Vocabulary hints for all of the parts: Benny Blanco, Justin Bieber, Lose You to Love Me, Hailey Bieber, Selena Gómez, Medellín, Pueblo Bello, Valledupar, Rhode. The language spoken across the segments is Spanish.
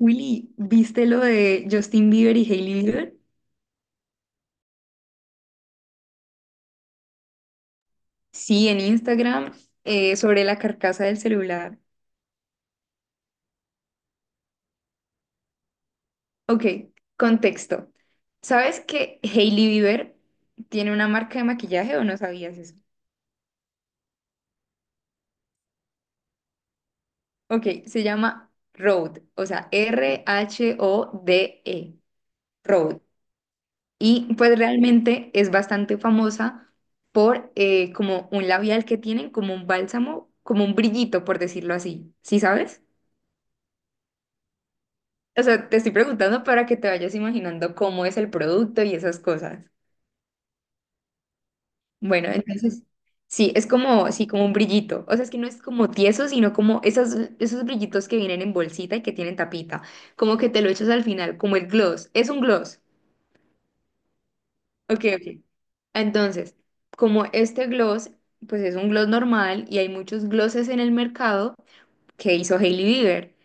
Willy, ¿viste lo de Justin Bieber y Hailey Bieber? Sí, en Instagram, sobre la carcasa del celular. Ok, contexto. ¿Sabes que Hailey Bieber tiene una marca de maquillaje o no sabías eso? Ok, se llama Rhode, o sea, R-H-O-D-E, Rhode. Y pues realmente es bastante famosa por como un labial que tienen, como un bálsamo, como un brillito, por decirlo así. ¿Sí sabes? O sea, te estoy preguntando para que te vayas imaginando cómo es el producto y esas cosas. Bueno, entonces, sí, es como, sí, como un brillito. O sea, es que no es como tieso, sino como esas, esos brillitos que vienen en bolsita y que tienen tapita. Como que te lo echas al final, como el gloss. Es un gloss. Ok, ok. Entonces, como este gloss, pues es un gloss normal y hay muchos glosses en el mercado, que hizo Hailey Bieber.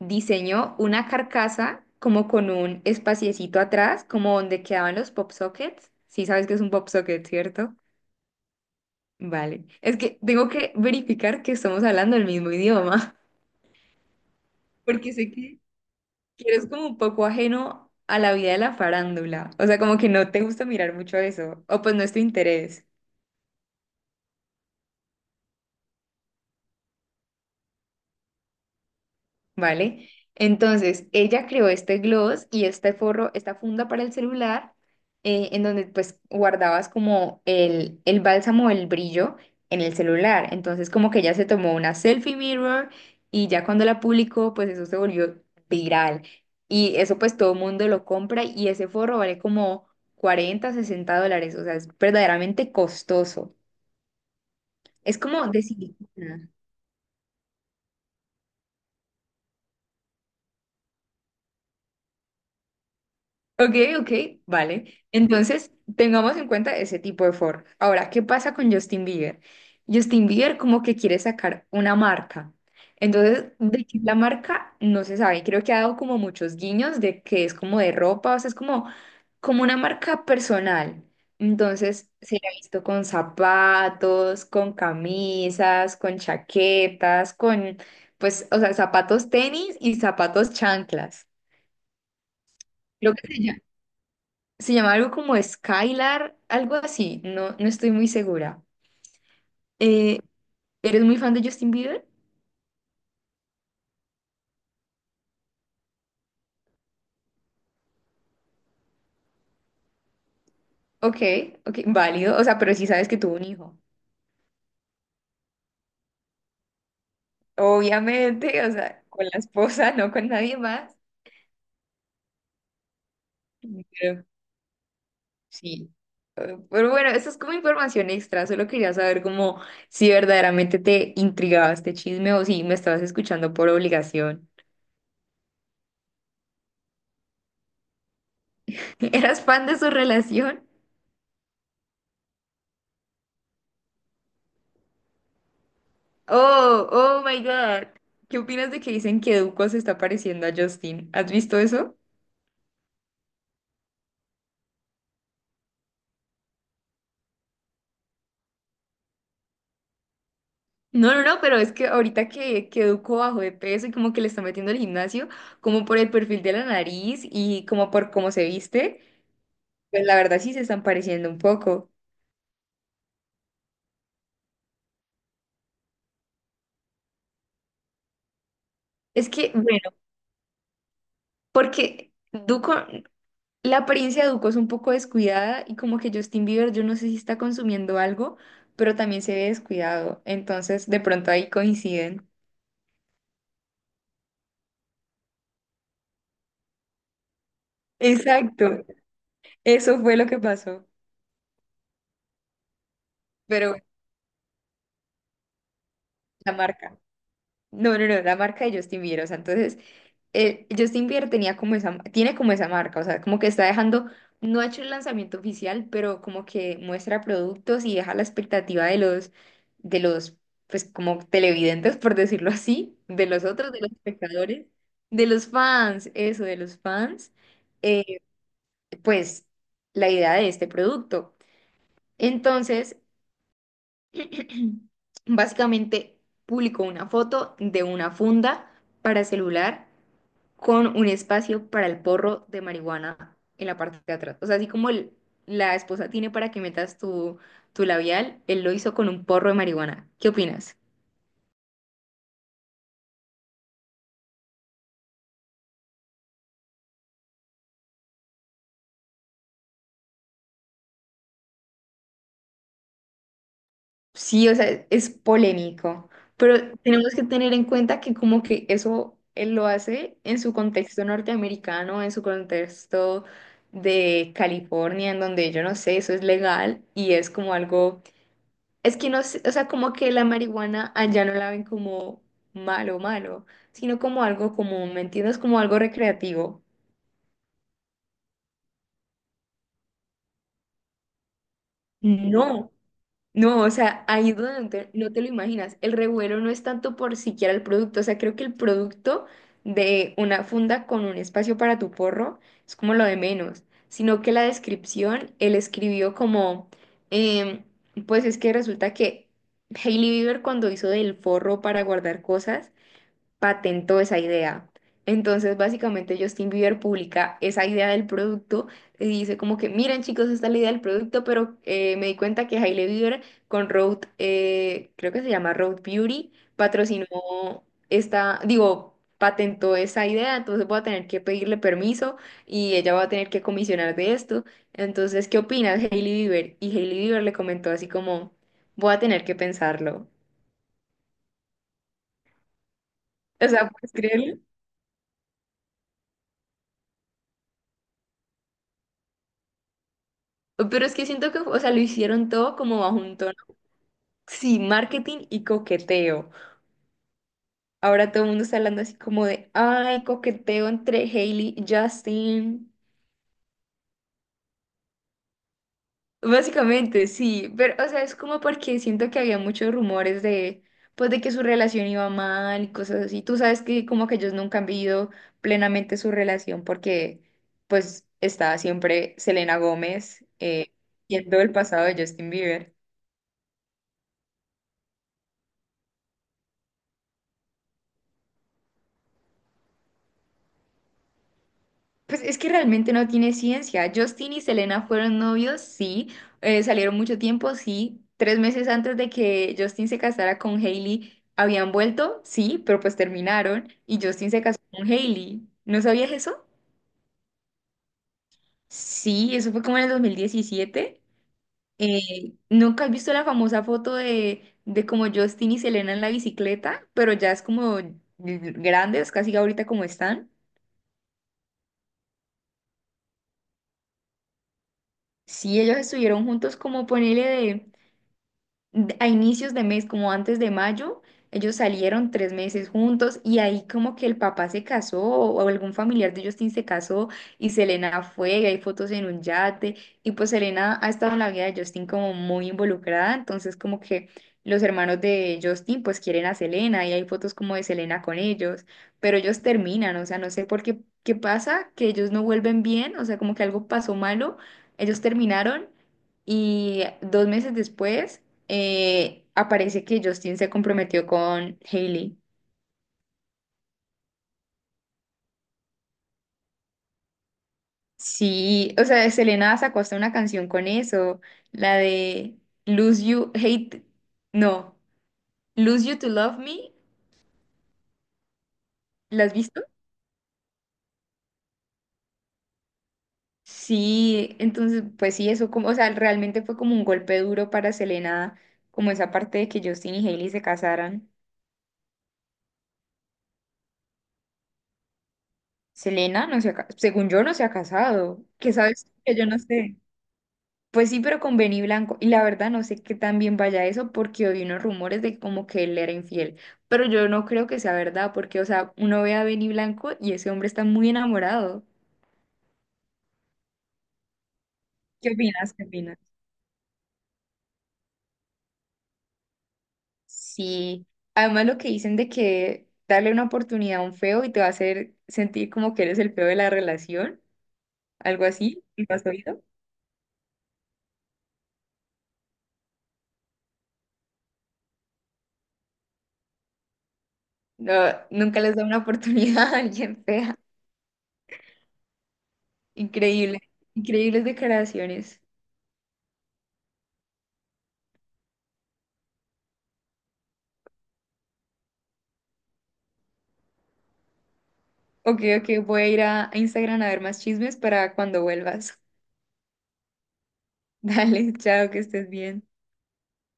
Diseñó una carcasa como con un espaciecito atrás, como donde quedaban los pop sockets. Sí sabes que es un pop socket, ¿cierto? Vale. Es que tengo que verificar que estamos hablando el mismo idioma, porque sé que eres como un poco ajeno a la vida de la farándula. O sea, como que no te gusta mirar mucho eso, o pues no es tu interés. ¿Vale? Entonces, ella creó este gloss y este forro, esta funda para el celular, en donde pues guardabas como el bálsamo, el brillo en el celular. Entonces, como que ella se tomó una selfie mirror y ya cuando la publicó, pues eso se volvió viral. Y eso pues todo el mundo lo compra y ese forro vale como 40 a 60 dólares, o sea, es verdaderamente costoso. Es como de silicona. Ok, ok, vale. Entonces, tengamos en cuenta ese tipo de forma. Ahora, ¿qué pasa con Justin Bieber? Justin Bieber como que quiere sacar una marca. Entonces, de qué es la marca no se sabe. Creo que ha dado como muchos guiños de que es como de ropa, o sea, es como, como una marca personal. Entonces, se la ha visto con zapatos, con camisas, con chaquetas, con, pues, o sea, zapatos tenis y zapatos chanclas. Creo que se llama algo como Skylar, algo así, no, no estoy muy segura. Eh, ¿Eres muy fan de Justin Bieber? Ok, ok, válido, o sea, pero sí sabes que tuvo un hijo. Obviamente, o sea, con la esposa, no con nadie más. Pero sí, pero bueno, eso es como información extra, solo quería saber como si verdaderamente te intrigaba este chisme o si me estabas escuchando por obligación. ¿Eras fan de su relación? Oh, oh my God. ¿Qué opinas de que dicen que Duco se está pareciendo a Justin? ¿Has visto eso? No, no, no, pero es que ahorita que Duco bajó de peso y como que le está metiendo al gimnasio, como por el perfil de la nariz y como por cómo se viste, pues la verdad sí se están pareciendo un poco. Es que, bueno, porque Duco, la apariencia de Duco es un poco descuidada y como que Justin Bieber, yo no sé si está consumiendo algo, pero también se ve descuidado. Entonces, de pronto ahí coinciden. Exacto. Eso fue lo que pasó. Pero bueno, la marca. No, no, no, la marca de Justin Bieber. O sea, entonces, Justin Bieber tenía como esa, tiene como esa marca. O sea, como que está dejando, no ha hecho el lanzamiento oficial, pero como que muestra productos y deja la expectativa de los, pues como televidentes, por decirlo así, de los otros, de los espectadores, de los fans, eso, de los fans, eh, pues la idea de este producto. Entonces, básicamente publicó una foto de una funda para celular con un espacio para el porro de marihuana en la parte de atrás. O sea, así como el- la esposa tiene para que metas tu, tu labial, él lo hizo con un porro de marihuana. ¿Qué opinas? Sí, o sea, es polémico, pero tenemos que tener en cuenta que como que eso él lo hace en su contexto norteamericano, en su contexto de California, en donde yo no sé, eso es legal y es como algo, es que no sé, o sea, como que la marihuana allá no la ven como malo, malo, sino como algo común, ¿me entiendes? Como algo recreativo. No, no, o sea, ahí es donde no te, no te lo imaginas. El revuelo no es tanto por siquiera el producto, o sea, creo que el producto de una funda con un espacio para tu porro es como lo de menos, sino que la descripción, él escribió como, em, pues es que resulta que Hailey Bieber cuando hizo del forro para guardar cosas, patentó esa idea. Entonces, básicamente, Justin Bieber publica esa idea del producto y dice como que, miren chicos, esta es la idea del producto, pero me di cuenta que Hailey Bieber con Road, creo que se llama Road Beauty, patrocinó esta, digo, patentó esa idea, entonces voy a tener que pedirle permiso y ella va a tener que comisionar de esto. Entonces, ¿qué opinas, Hailey Bieber? Y Hailey Bieber le comentó así como, voy a tener que pensarlo. O sea, ¿puedes creerlo? Pero es que siento que, o sea, lo hicieron todo como bajo un tono, sí, marketing y coqueteo. Ahora todo el mundo está hablando así como de, ay, coqueteo entre Hailey y Justin. Básicamente, sí, pero, o sea, es como porque siento que había muchos rumores de, pues, de que su relación iba mal y cosas así. Tú sabes que como que ellos nunca han vivido plenamente su relación porque, pues, está siempre Selena Gómez, siendo el pasado de Justin Bieber. Pues es que realmente no tiene ciencia. Justin y Selena fueron novios, sí. Salieron mucho tiempo, sí. Tres meses antes de que Justin se casara con Hailey, habían vuelto, sí, pero pues terminaron y Justin se casó con Hailey. ¿No sabías eso? Sí, eso fue como en el 2017. Eh, ¿Nunca has visto la famosa foto de como Justin y Selena en la bicicleta? Pero ya es como grandes, casi ahorita como están. Sí, ellos estuvieron juntos como ponele de- a inicios de mes, como antes de mayo, ellos salieron 3 meses juntos y ahí como que el papá se casó o algún familiar de Justin se casó y Selena fue, y hay fotos en un yate y pues Selena ha estado en la vida de Justin como muy involucrada, entonces como que los hermanos de Justin pues quieren a Selena y hay fotos como de Selena con ellos, pero ellos terminan, o sea, no sé por qué, qué pasa, que ellos no vuelven bien, o sea, como que algo pasó malo, ellos terminaron. Y 2 meses después aparece que Justin se comprometió con Hailey. Sí, o sea, Selena sacó hasta una canción con eso, la de Lose You, Hate, no, Lose You to Love Me, ¿la has visto? Sí, entonces, pues sí, eso como, o sea, realmente fue como un golpe duro para Selena, como esa parte de que Justin y Hailey se casaran. Selena no se ha, ca- según yo no se ha casado, ¿qué sabes tú que yo no sé? Pues sí, pero con Benny Blanco. Y la verdad no sé qué tan bien vaya eso porque oí unos rumores de como que él era infiel. Pero yo no creo que sea verdad porque, o sea, uno ve a Benny Blanco y ese hombre está muy enamorado. ¿Qué opinas? ¿Qué opinas? Sí. Además lo que dicen de que darle una oportunidad a un feo y te va a hacer sentir como que eres el feo de la relación, algo así, ¿lo has oído? No, nunca les da una oportunidad a alguien fea. Increíble. Increíbles declaraciones. Ok, ok, voy a ir a Instagram a ver más chismes para cuando vuelvas. Dale, chao, que estés bien.